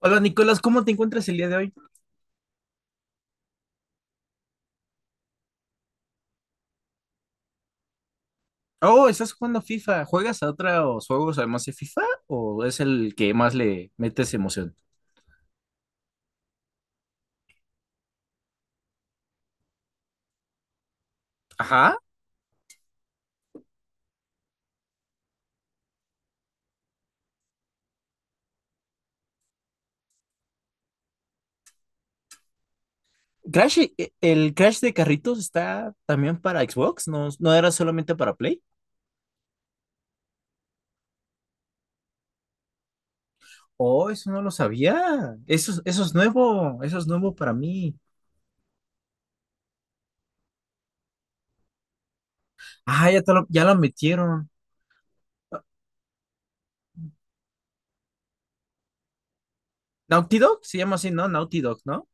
Hola Nicolás, ¿cómo te encuentras el día de hoy? Oh, estás jugando FIFA. ¿Juegas a otros juegos además de FIFA o es el que más le metes emoción? Ajá. Crash, el Crash de carritos está también para Xbox, no, no era solamente para Play. Oh, eso no lo sabía. Eso, eso es nuevo para mí. Ah, ya, ya lo metieron. Naughty Dog se llama así, ¿no? Naughty Dog, ¿no?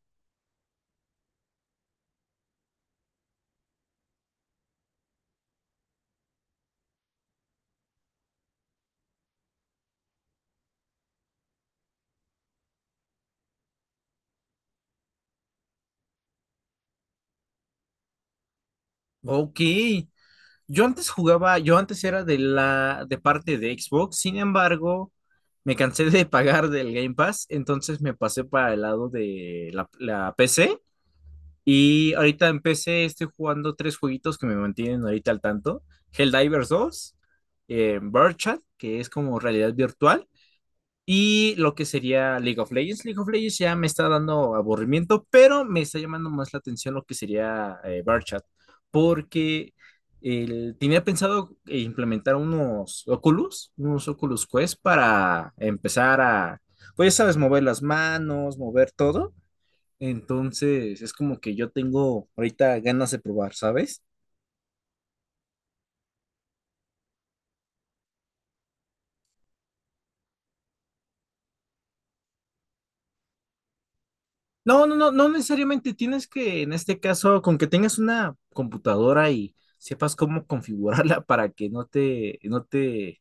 Ok. Yo antes era de la de parte de Xbox, sin embargo, me cansé de pagar del Game Pass, entonces me pasé para el lado de la PC y ahorita en PC estoy jugando tres jueguitos que me mantienen ahorita al tanto, Helldivers 2, eh, Chat, que es como realidad virtual, y lo que sería League of Legends. League of Legends ya me está dando aburrimiento, pero me está llamando más la atención lo que sería Barchat, porque tenía pensado implementar unos Oculus Quest para empezar a, pues sabes, mover las manos, mover todo. Entonces es como que yo tengo ahorita ganas de probar, ¿sabes? No, no, no, no necesariamente tienes que, en este caso, con que tengas una computadora y sepas cómo configurarla para que no te,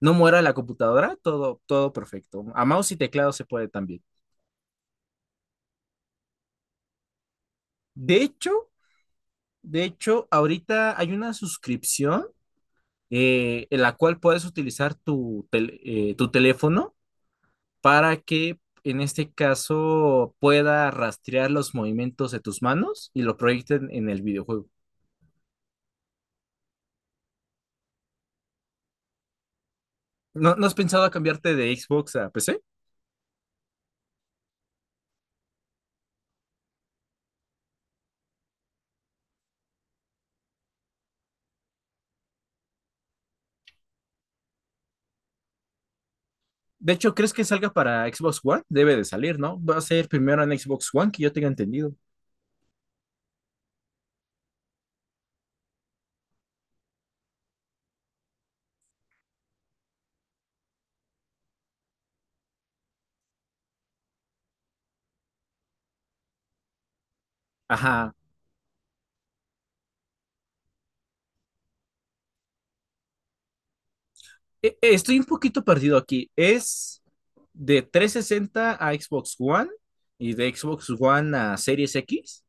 no muera la computadora, todo, todo perfecto. A mouse y teclado se puede también. De hecho, de hecho, ahorita hay una suscripción en la cual puedes utilizar tu teléfono para que, en este caso, pueda rastrear los movimientos de tus manos y lo proyecten en el videojuego. ¿No has pensado a cambiarte de Xbox a PC? De hecho, ¿crees que salga para Xbox One? Debe de salir, ¿no? Va a ser primero en Xbox One, que yo tenga entendido. Ajá. Estoy un poquito perdido aquí. ¿Es de 360 a Xbox One y de Xbox One a Series X?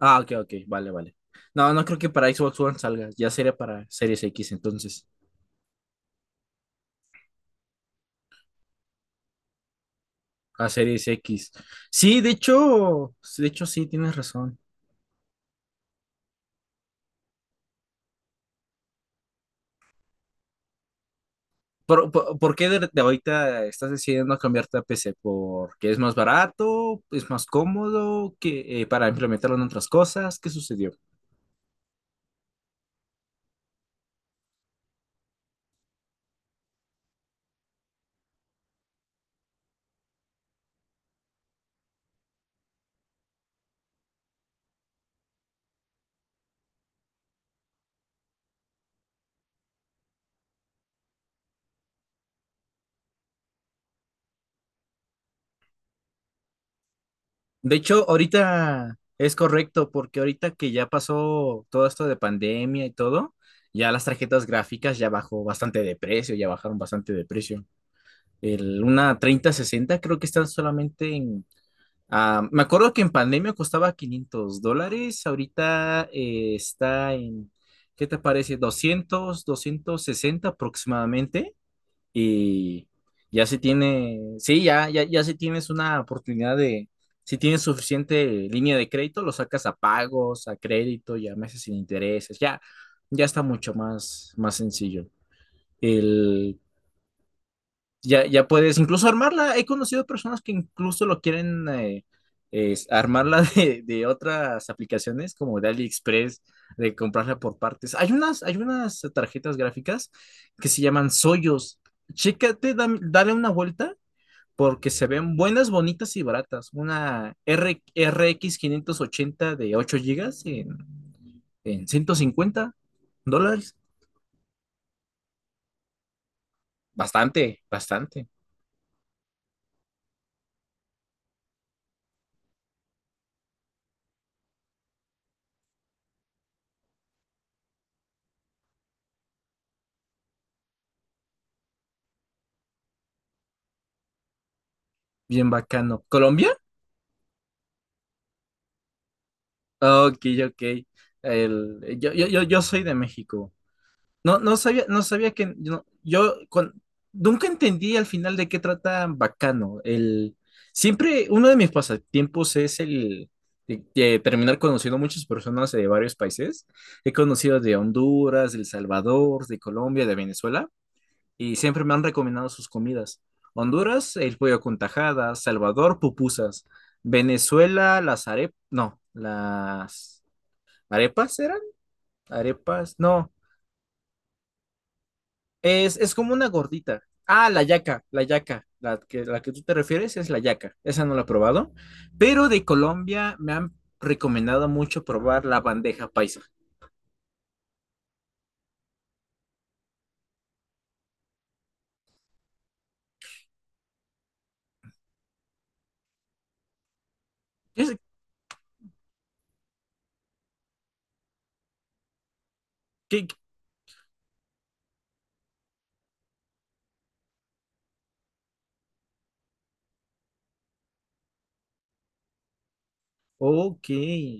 Ah, ok, ok, vale, vale. No creo que para Xbox One salga? Ya sería para Series X entonces. A Series X. Sí, de hecho sí, tienes razón. ¿Por qué de ahorita estás decidiendo cambiarte a PC? ¿Porque es más barato? ¿Es más cómodo? Que ¿para implementarlo en otras cosas? ¿Qué sucedió? De hecho, ahorita es correcto, porque ahorita que ya pasó todo esto de pandemia y todo, ya las tarjetas gráficas ya bajó bastante de precio, ya bajaron bastante de precio. Una 3060 creo que están solamente en... Ah, me acuerdo que en pandemia costaba $500, ahorita está en, ¿qué te parece? 200 260 aproximadamente, y ya se tiene, sí, ya, ya, ya si tienes una oportunidad de, si tienes suficiente línea de crédito, lo sacas a pagos, a crédito y a meses sin intereses, ya, ya está mucho más, más sencillo. El, ya, ya puedes incluso armarla. He conocido personas que incluso lo quieren es armarla de, otras aplicaciones como de AliExpress, de comprarla por partes. Hay unas tarjetas gráficas que se llaman Soyos. Chécate, dale una vuelta porque se ven buenas, bonitas y baratas. Una RX 580 de 8 gigas en, $150. Bastante, bastante. Bien bacano. Colombia. Ok, ok. El, yo, yo, yo, yo soy de México. No, no sabía, no sabía que no- yo con- nunca entendí al final de qué trata Bacano. Siempre uno de mis pasatiempos es el de, terminar conociendo muchas personas de varios países. He conocido de Honduras, de El Salvador, de Colombia, de Venezuela, y siempre me han recomendado sus comidas. Honduras, el pollo con tajadas, Salvador, pupusas, Venezuela, las arepas, no, las ¿arepas eran? ¿Arepas? No. Es como una gordita. Ah, la yaca, la yaca. La que tú te refieres es la yaca. Esa no la he probado. Pero de Colombia me han recomendado mucho probar la bandeja paisa. Es, que, que- ok,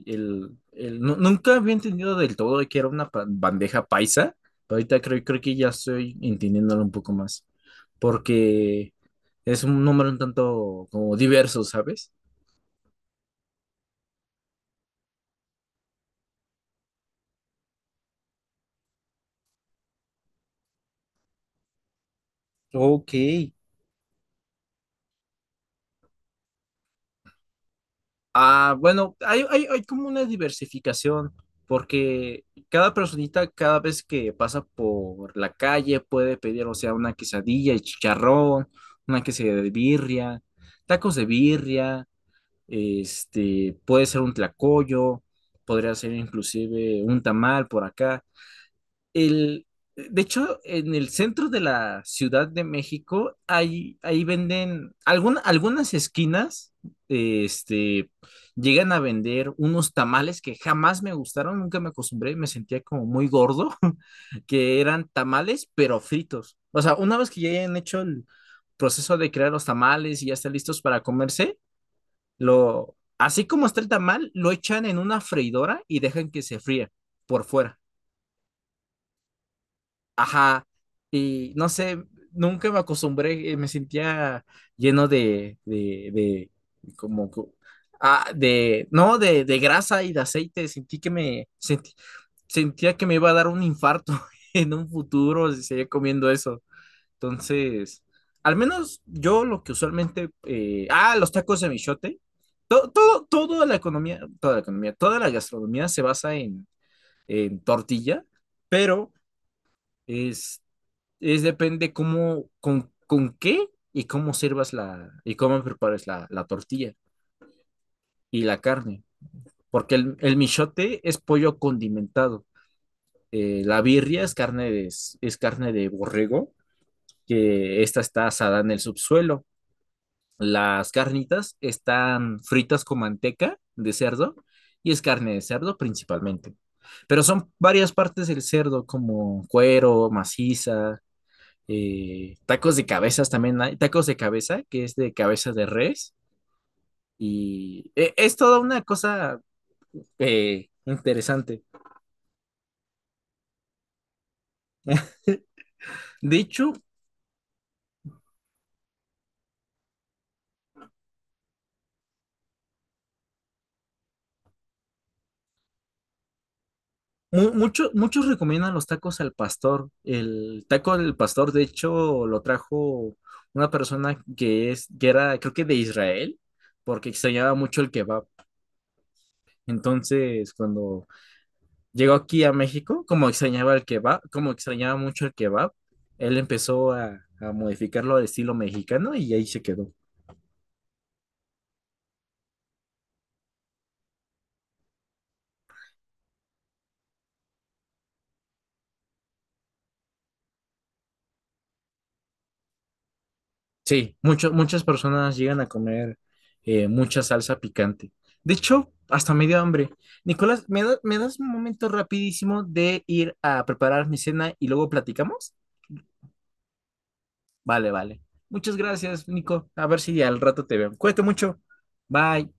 nunca había entendido del todo de que era una bandeja paisa. Pero ahorita creo que ya estoy entendiéndolo un poco más. Porque es un número un tanto como diverso, ¿sabes? Ok. Ah, bueno, hay como una diversificación, porque cada personita, cada vez que pasa por la calle, puede pedir, o sea, una quesadilla y chicharrón, una quesadilla de birria, tacos de birria, este, puede ser un tlacoyo, podría ser inclusive un tamal por acá. El, de hecho, en el centro de la Ciudad de México, ahí venden, algunas esquinas, este, llegan a vender unos tamales que jamás me gustaron, nunca me acostumbré, me sentía como muy gordo, que eran tamales, pero fritos. O sea, una vez que ya hayan hecho el proceso de crear los tamales y ya están listos para comerse, así como está el tamal, lo echan en una freidora y dejan que se fría por fuera. Ajá, y no sé, nunca me acostumbré, me sentía lleno de como, de, no, de grasa y de aceite, sentí que me, sentía que me iba a dar un infarto en un futuro si seguía comiendo eso. Entonces, al menos yo lo que usualmente, los tacos de michote, todo, toda la gastronomía se basa en, tortilla, pero... Este, es depende cómo, con qué y cómo sirvas y cómo prepares la tortilla y la carne. Porque el michote es pollo condimentado. La birria es carne de borrego, que esta está asada en el subsuelo. Las carnitas están fritas con manteca de cerdo y es carne de cerdo principalmente. Pero son varias partes del cerdo, como cuero, maciza, tacos de cabezas también hay, tacos de cabeza, que es de cabeza de res, y es toda una cosa interesante. De hecho, muchos recomiendan los tacos al pastor. El taco del pastor, de hecho, lo trajo una persona que es, que era, creo que de Israel, porque extrañaba mucho el kebab. Entonces, cuando llegó aquí a México, como extrañaba el kebab, como extrañaba mucho el kebab, él empezó a, modificarlo al estilo mexicano y ahí se quedó. Sí, muchas personas llegan a comer mucha salsa picante. De hecho, hasta me dio hambre. Nicolás, me das un momento rapidísimo de ir a preparar mi cena y luego platicamos? Vale, vale. Muchas gracias, Nico. A ver si al rato te veo. Cuídate mucho. Bye.